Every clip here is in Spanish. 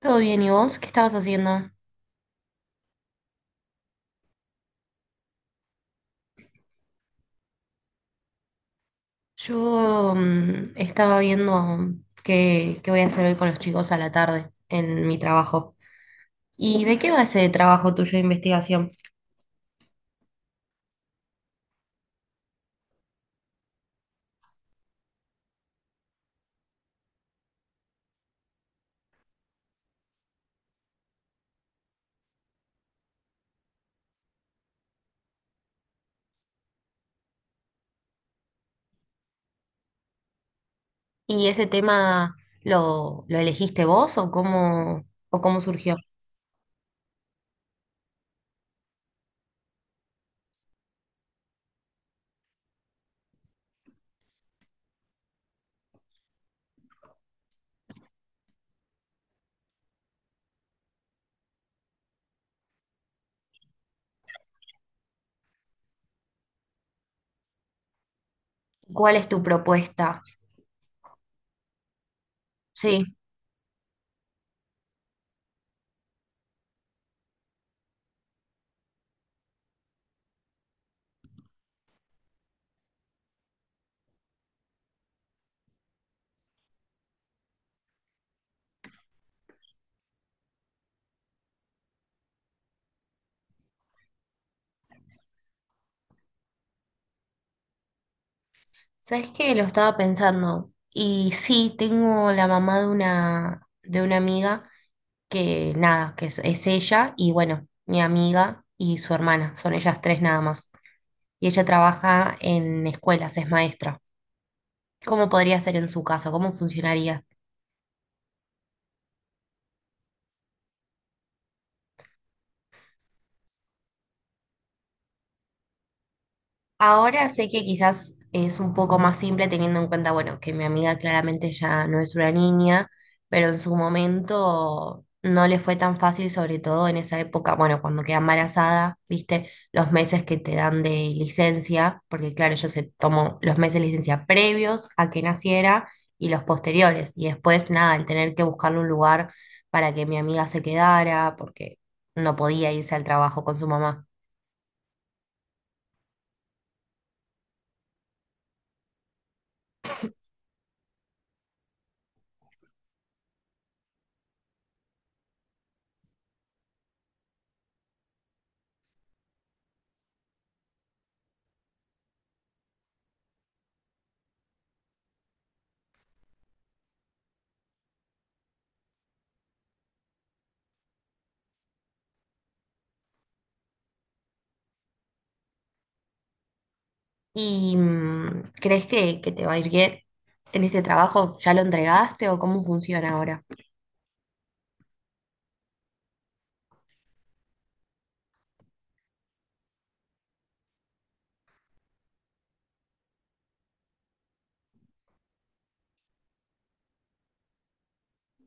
Todo bien, ¿y vos? ¿Qué estabas haciendo? Yo estaba viendo qué voy a hacer hoy con los chicos a la tarde en mi trabajo. ¿Y de qué va ese trabajo tuyo de investigación? ¿Y ese tema lo elegiste vos o cómo surgió? ¿Cuál es tu propuesta? Sí, sabes que lo estaba pensando. Y sí, tengo la mamá de de una amiga que nada, es ella y bueno, mi amiga y su hermana, son ellas tres nada más. Y ella trabaja en escuelas, es maestra. ¿Cómo podría ser en su caso? ¿Cómo funcionaría? Ahora sé que quizás es un poco más simple teniendo en cuenta, bueno, que mi amiga claramente ya no es una niña, pero en su momento no le fue tan fácil, sobre todo en esa época, bueno, cuando queda embarazada, viste, los meses que te dan de licencia, porque claro, ella se tomó los meses de licencia previos a que naciera y los posteriores, y después nada, el tener que buscarle un lugar para que mi amiga se quedara, porque no podía irse al trabajo con su mamá. ¿Y crees que te va a ir bien en este trabajo? ¿Ya lo entregaste o cómo funciona ahora?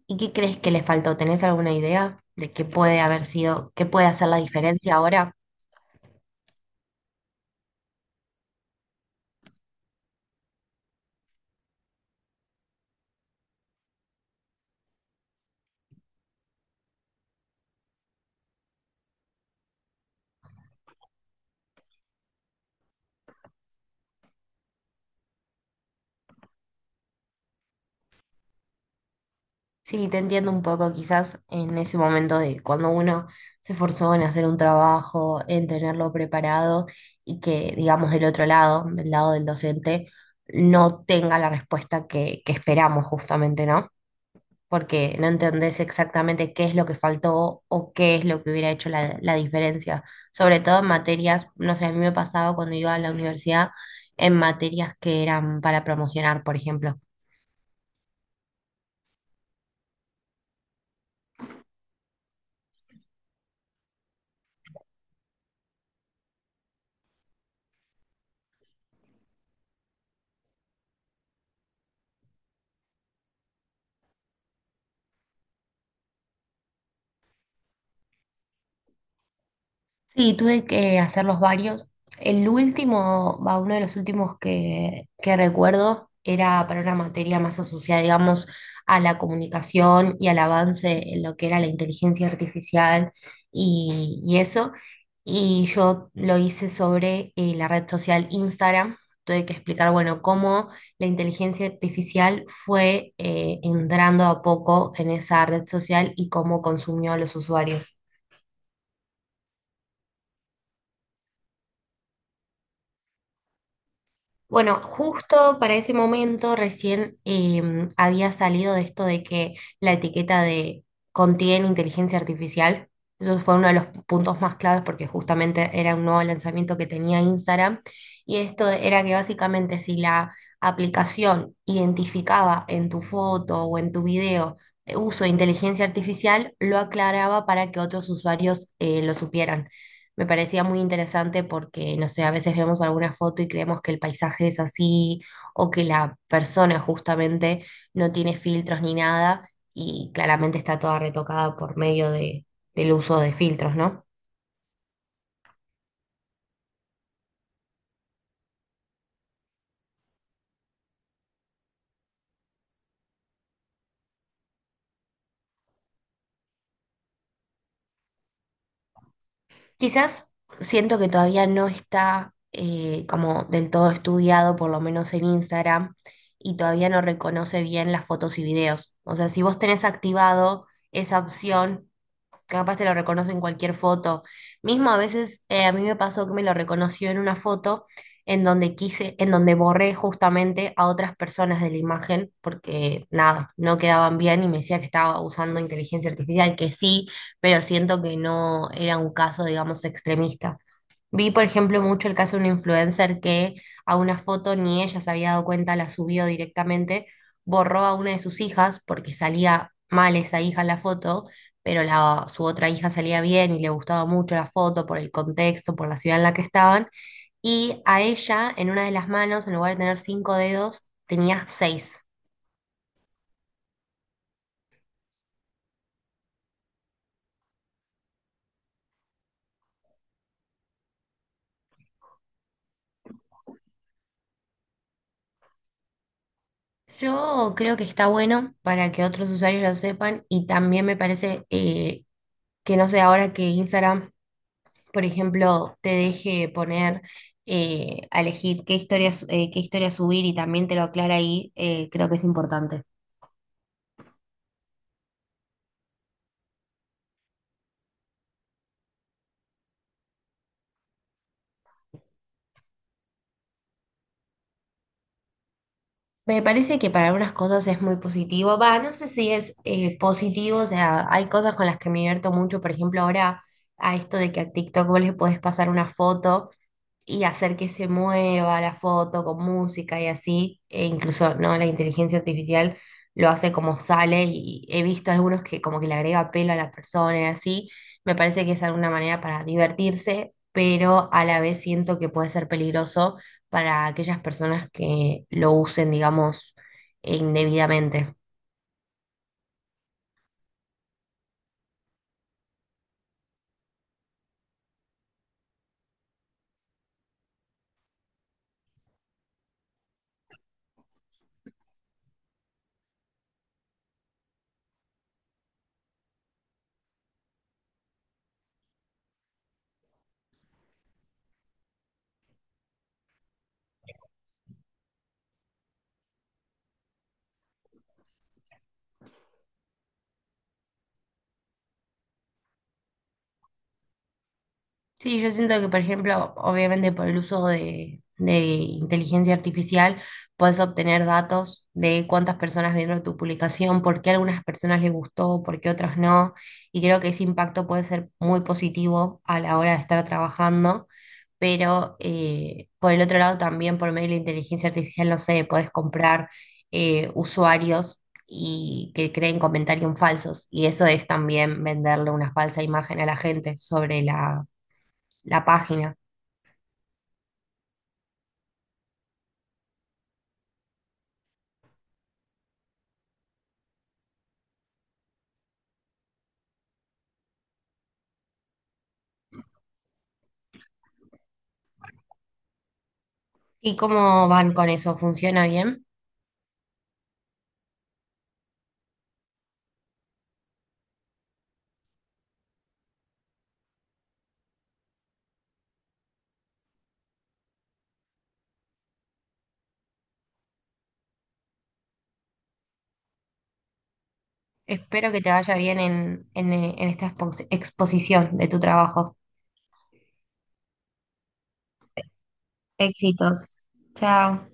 ¿Y qué crees que le faltó? ¿Tenés alguna idea de qué puede haber sido, qué puede hacer la diferencia ahora? Sí, te entiendo un poco quizás en ese momento de cuando uno se esforzó en hacer un trabajo, en tenerlo preparado y que, digamos, del otro lado del docente, no tenga la respuesta que esperamos justamente, ¿no? Porque no entendés exactamente qué es lo que faltó o qué es lo que hubiera hecho la diferencia. Sobre todo en materias, no sé, a mí me pasaba cuando iba a la universidad en materias que eran para promocionar, por ejemplo. Sí, tuve que hacerlos varios. El último, va, uno de los últimos que recuerdo era para una materia más asociada, digamos, a la comunicación y al avance en lo que era la inteligencia artificial y eso. Y yo lo hice sobre la red social Instagram. Tuve que explicar, bueno, cómo la inteligencia artificial fue entrando a poco en esa red social y cómo consumió a los usuarios. Bueno, justo para ese momento recién había salido de esto de que la etiqueta de contiene inteligencia artificial. Eso fue uno de los puntos más claves porque justamente era un nuevo lanzamiento que tenía Instagram. Y esto era que básicamente si la aplicación identificaba en tu foto o en tu video uso de inteligencia artificial, lo aclaraba para que otros usuarios lo supieran. Me parecía muy interesante porque, no sé, a veces vemos alguna foto y creemos que el paisaje es así o que la persona justamente no tiene filtros ni nada y claramente está toda retocada por medio del uso de filtros, ¿no? Quizás siento que todavía no está como del todo estudiado, por lo menos en Instagram, y todavía no reconoce bien las fotos y videos. O sea, si vos tenés activado esa opción capaz te lo reconoce en cualquier foto. Mismo a veces a mí me pasó que me lo reconoció en una foto en donde quise, en donde borré justamente a otras personas de la imagen porque nada, no quedaban bien y me decía que estaba usando inteligencia artificial, que sí, pero siento que no era un caso, digamos, extremista. Vi, por ejemplo, mucho el caso de una influencer que a una foto ni ella se había dado cuenta, la subió directamente, borró a una de sus hijas porque salía mal esa hija en la foto, pero su otra hija salía bien y le gustaba mucho la foto por el contexto, por la ciudad en la que estaban. Y a ella, en una de las manos, en lugar de tener 5 dedos, tenía 6. Yo creo que está bueno para que otros usuarios lo sepan y también me parece que no sé, ahora que Instagram por ejemplo, te deje poner a elegir qué historias qué historia subir y también te lo aclara ahí, creo que es importante. Me parece que para algunas cosas es muy positivo. Va, no sé si es positivo, o sea, hay cosas con las que me divierto mucho, por ejemplo, ahora a esto de que a TikTok vos le podés pasar una foto y hacer que se mueva la foto con música y así, e incluso no la inteligencia artificial lo hace como sale y he visto algunos que como que le agrega pelo a las personas y así, me parece que es alguna manera para divertirse, pero a la vez siento que puede ser peligroso para aquellas personas que lo usen, digamos, indebidamente. Sí, yo siento que, por ejemplo, obviamente por el uso de inteligencia artificial, puedes obtener datos de cuántas personas vieron tu publicación, por qué a algunas personas les gustó, por qué otras no. Y creo que ese impacto puede ser muy positivo a la hora de estar trabajando. Pero por el otro lado, también por medio de la inteligencia artificial, no sé, puedes comprar usuarios y que creen comentarios falsos. Y eso es también venderle una falsa imagen a la gente sobre la página. ¿Y cómo van con eso? ¿Funciona bien? Espero que te vaya bien en esta exposición de tu trabajo. Éxitos. Chao.